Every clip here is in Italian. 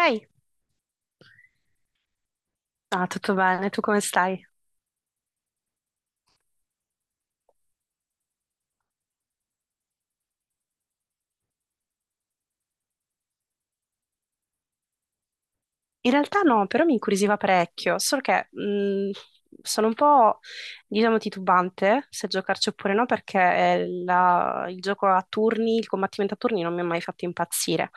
Ehi, tutto bene, tu come stai? In realtà no, però mi incuriosiva parecchio, solo che sono un po', diciamo, titubante se giocarci oppure no, perché il gioco a turni, il combattimento a turni non mi ha mai fatto impazzire.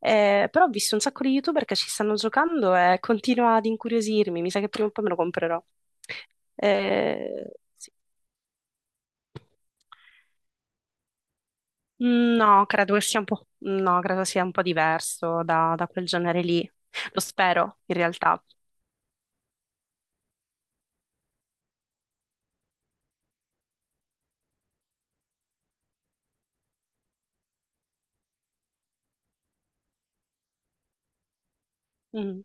Però ho visto un sacco di YouTuber che ci stanno giocando e continua ad incuriosirmi, mi sa che prima o poi me lo comprerò. Eh, sì. No, credo che sia un po', no, credo sia un po' diverso da quel genere lì. Lo spero, in realtà. Mm.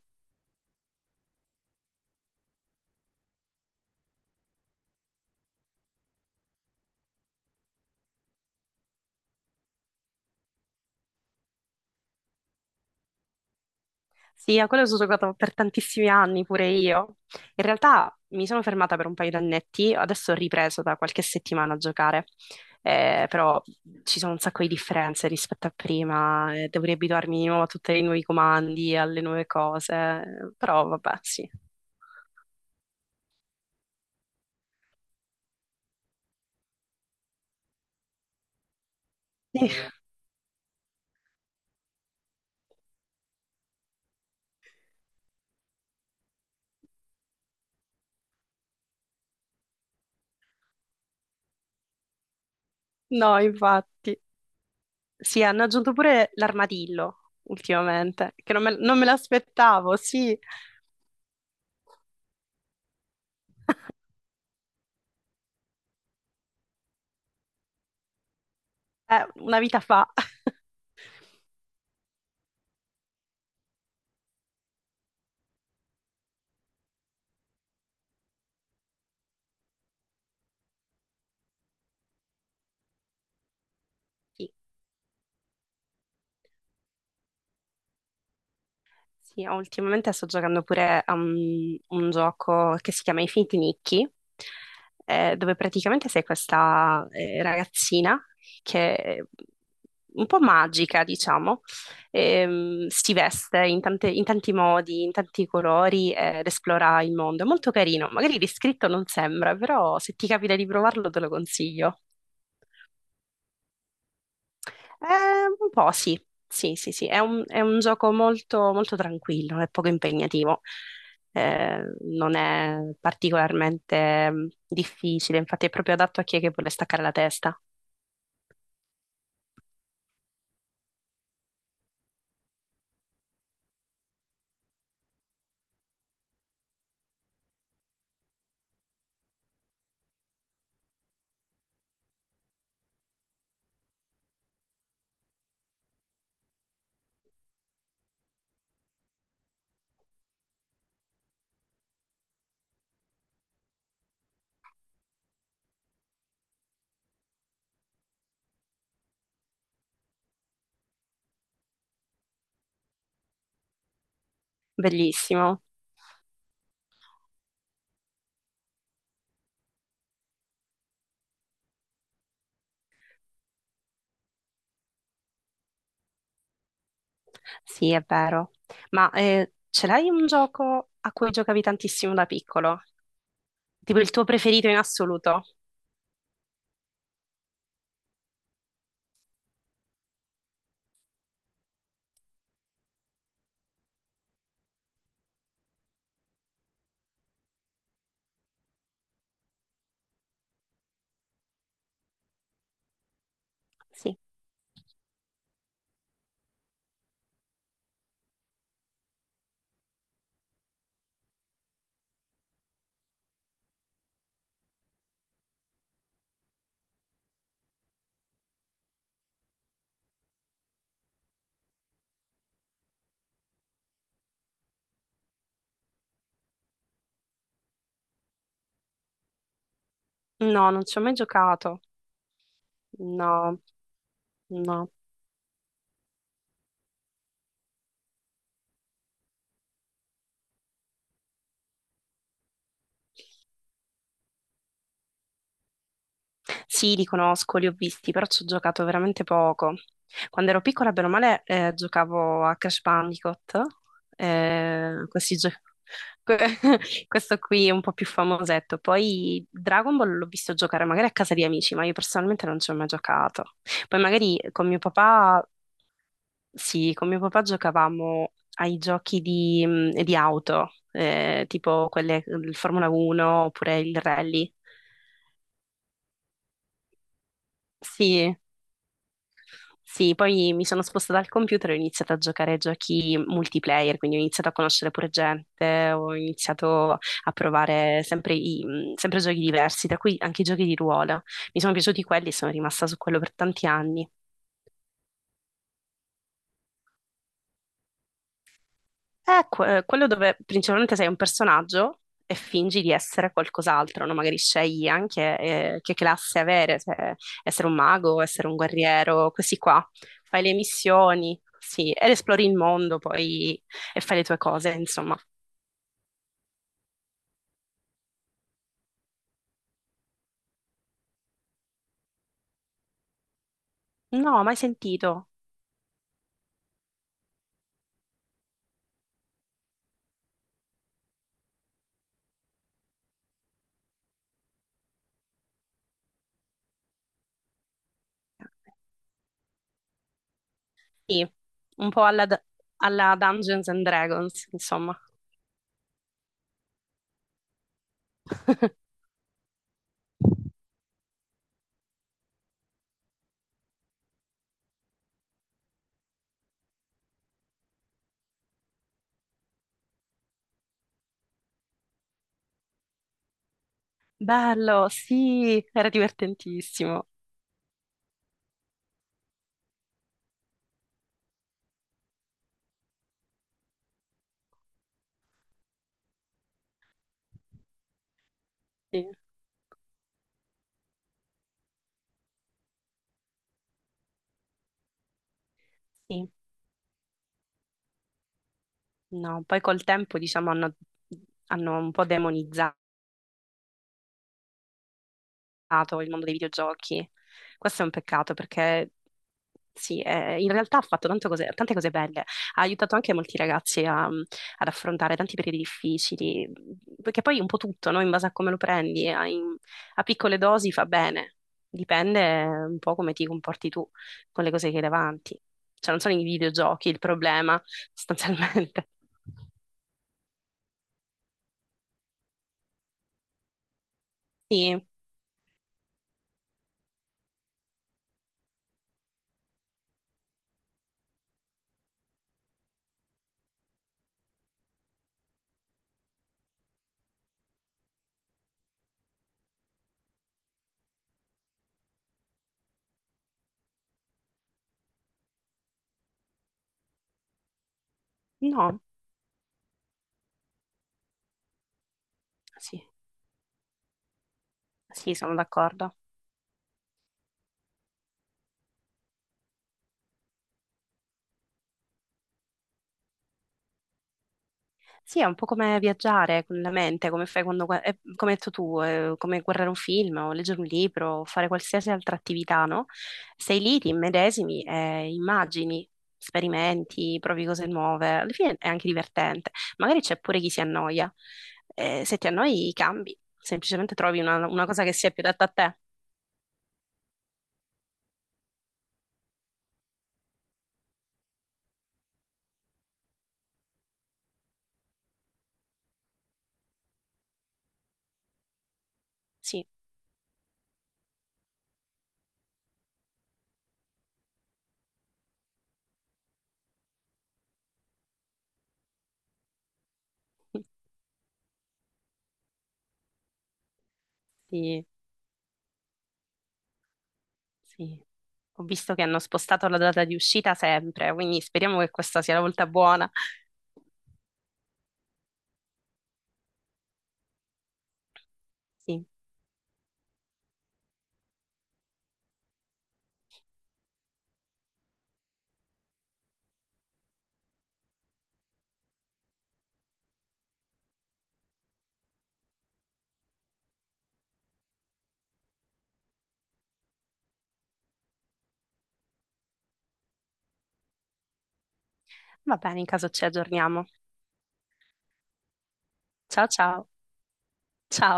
Sì, a quello ci ho giocato per tantissimi anni, pure io. In realtà mi sono fermata per un paio di annetti, adesso ho ripreso da qualche settimana a giocare. Però ci sono un sacco di differenze rispetto a prima, devo riabituarmi di nuovo a tutti i nuovi comandi, alle nuove cose, però vabbè, sì. No, infatti. Sì, hanno aggiunto pure l'armadillo ultimamente, che non me l'aspettavo, sì, è una vita fa. Sì. Sì, ultimamente sto giocando pure a un gioco che si chiama Infinity Nikki, dove praticamente sei questa ragazzina che è un po' magica, diciamo, si veste in in tanti modi, in tanti colori ed esplora il mondo. È molto carino, magari descritto non sembra, però se ti capita di provarlo te lo consiglio. Un po' sì, sì, sì, sì. È è un gioco molto, molto tranquillo, è poco impegnativo. Eh, Non è particolarmente difficile, infatti è proprio adatto a chi è che vuole staccare la testa. Bellissimo, sì, è vero. Ma ce l'hai un gioco a cui giocavi tantissimo da piccolo? Tipo il tuo preferito in assoluto? Sì. No, non ci ho mai giocato. No, no. Sì, li conosco, li ho visti, però ci ho giocato veramente poco. Quando ero piccola, bene o male, giocavo a Crash Bandicoot, eh, questi gio- que- questo qui è un po' più famosetto. Poi Dragon Ball l'ho visto giocare magari a casa di amici, ma io personalmente non ci ho mai giocato. Poi magari con mio papà, sì, con mio papà giocavamo ai giochi di auto, tipo quelle del Formula 1 oppure il rally. Sì. Sì, poi mi sono spostata al computer e ho iniziato a giocare a giochi multiplayer, quindi ho iniziato a conoscere pure gente, ho iniziato a provare sempre, sempre giochi diversi, tra cui anche i giochi di ruolo. Mi sono piaciuti quelli e sono rimasta su quello per tanti anni. Quello dove principalmente sei un personaggio e fingi di essere qualcos'altro, no? Magari scegli anche che classe avere, se essere un mago, essere un guerriero, così qua. Fai le missioni, sì, ed esplori il mondo poi e fai le tue cose, insomma. No, mai sentito. Sì, un po' alla, alla Dungeons and Dragons, insomma. Bello, sì, era divertentissimo. Sì, sì. No, poi col tempo diciamo hanno un po' demonizzato il mondo dei videogiochi. Questo è un peccato perché sì, in realtà ha fatto tante cose belle, ha aiutato anche molti ragazzi ad affrontare tanti periodi difficili, perché poi un po' tutto, no? In base a come lo prendi, a piccole dosi fa bene, dipende un po' come ti comporti tu con le cose che hai davanti. Cioè non sono i videogiochi il problema, sostanzialmente. Sì, no, sì. Sì, sono d'accordo. Sì, è un po' come viaggiare con la mente, come fai quando, come hai detto tu, come guardare un film o leggere un libro o fare qualsiasi altra attività, no? Sei lì, ti immedesimi, e immagini, sperimenti, provi cose nuove. Alla fine è anche divertente. Magari c'è pure chi si annoia. Se ti annoi, cambi. Semplicemente trovi una cosa che sia più adatta a te. Sì, sì, sì. Ho visto che hanno spostato la data di uscita sempre, quindi speriamo che questa sia la volta buona. Sì. Va bene, in caso ci aggiorniamo. Ciao ciao. Ciao.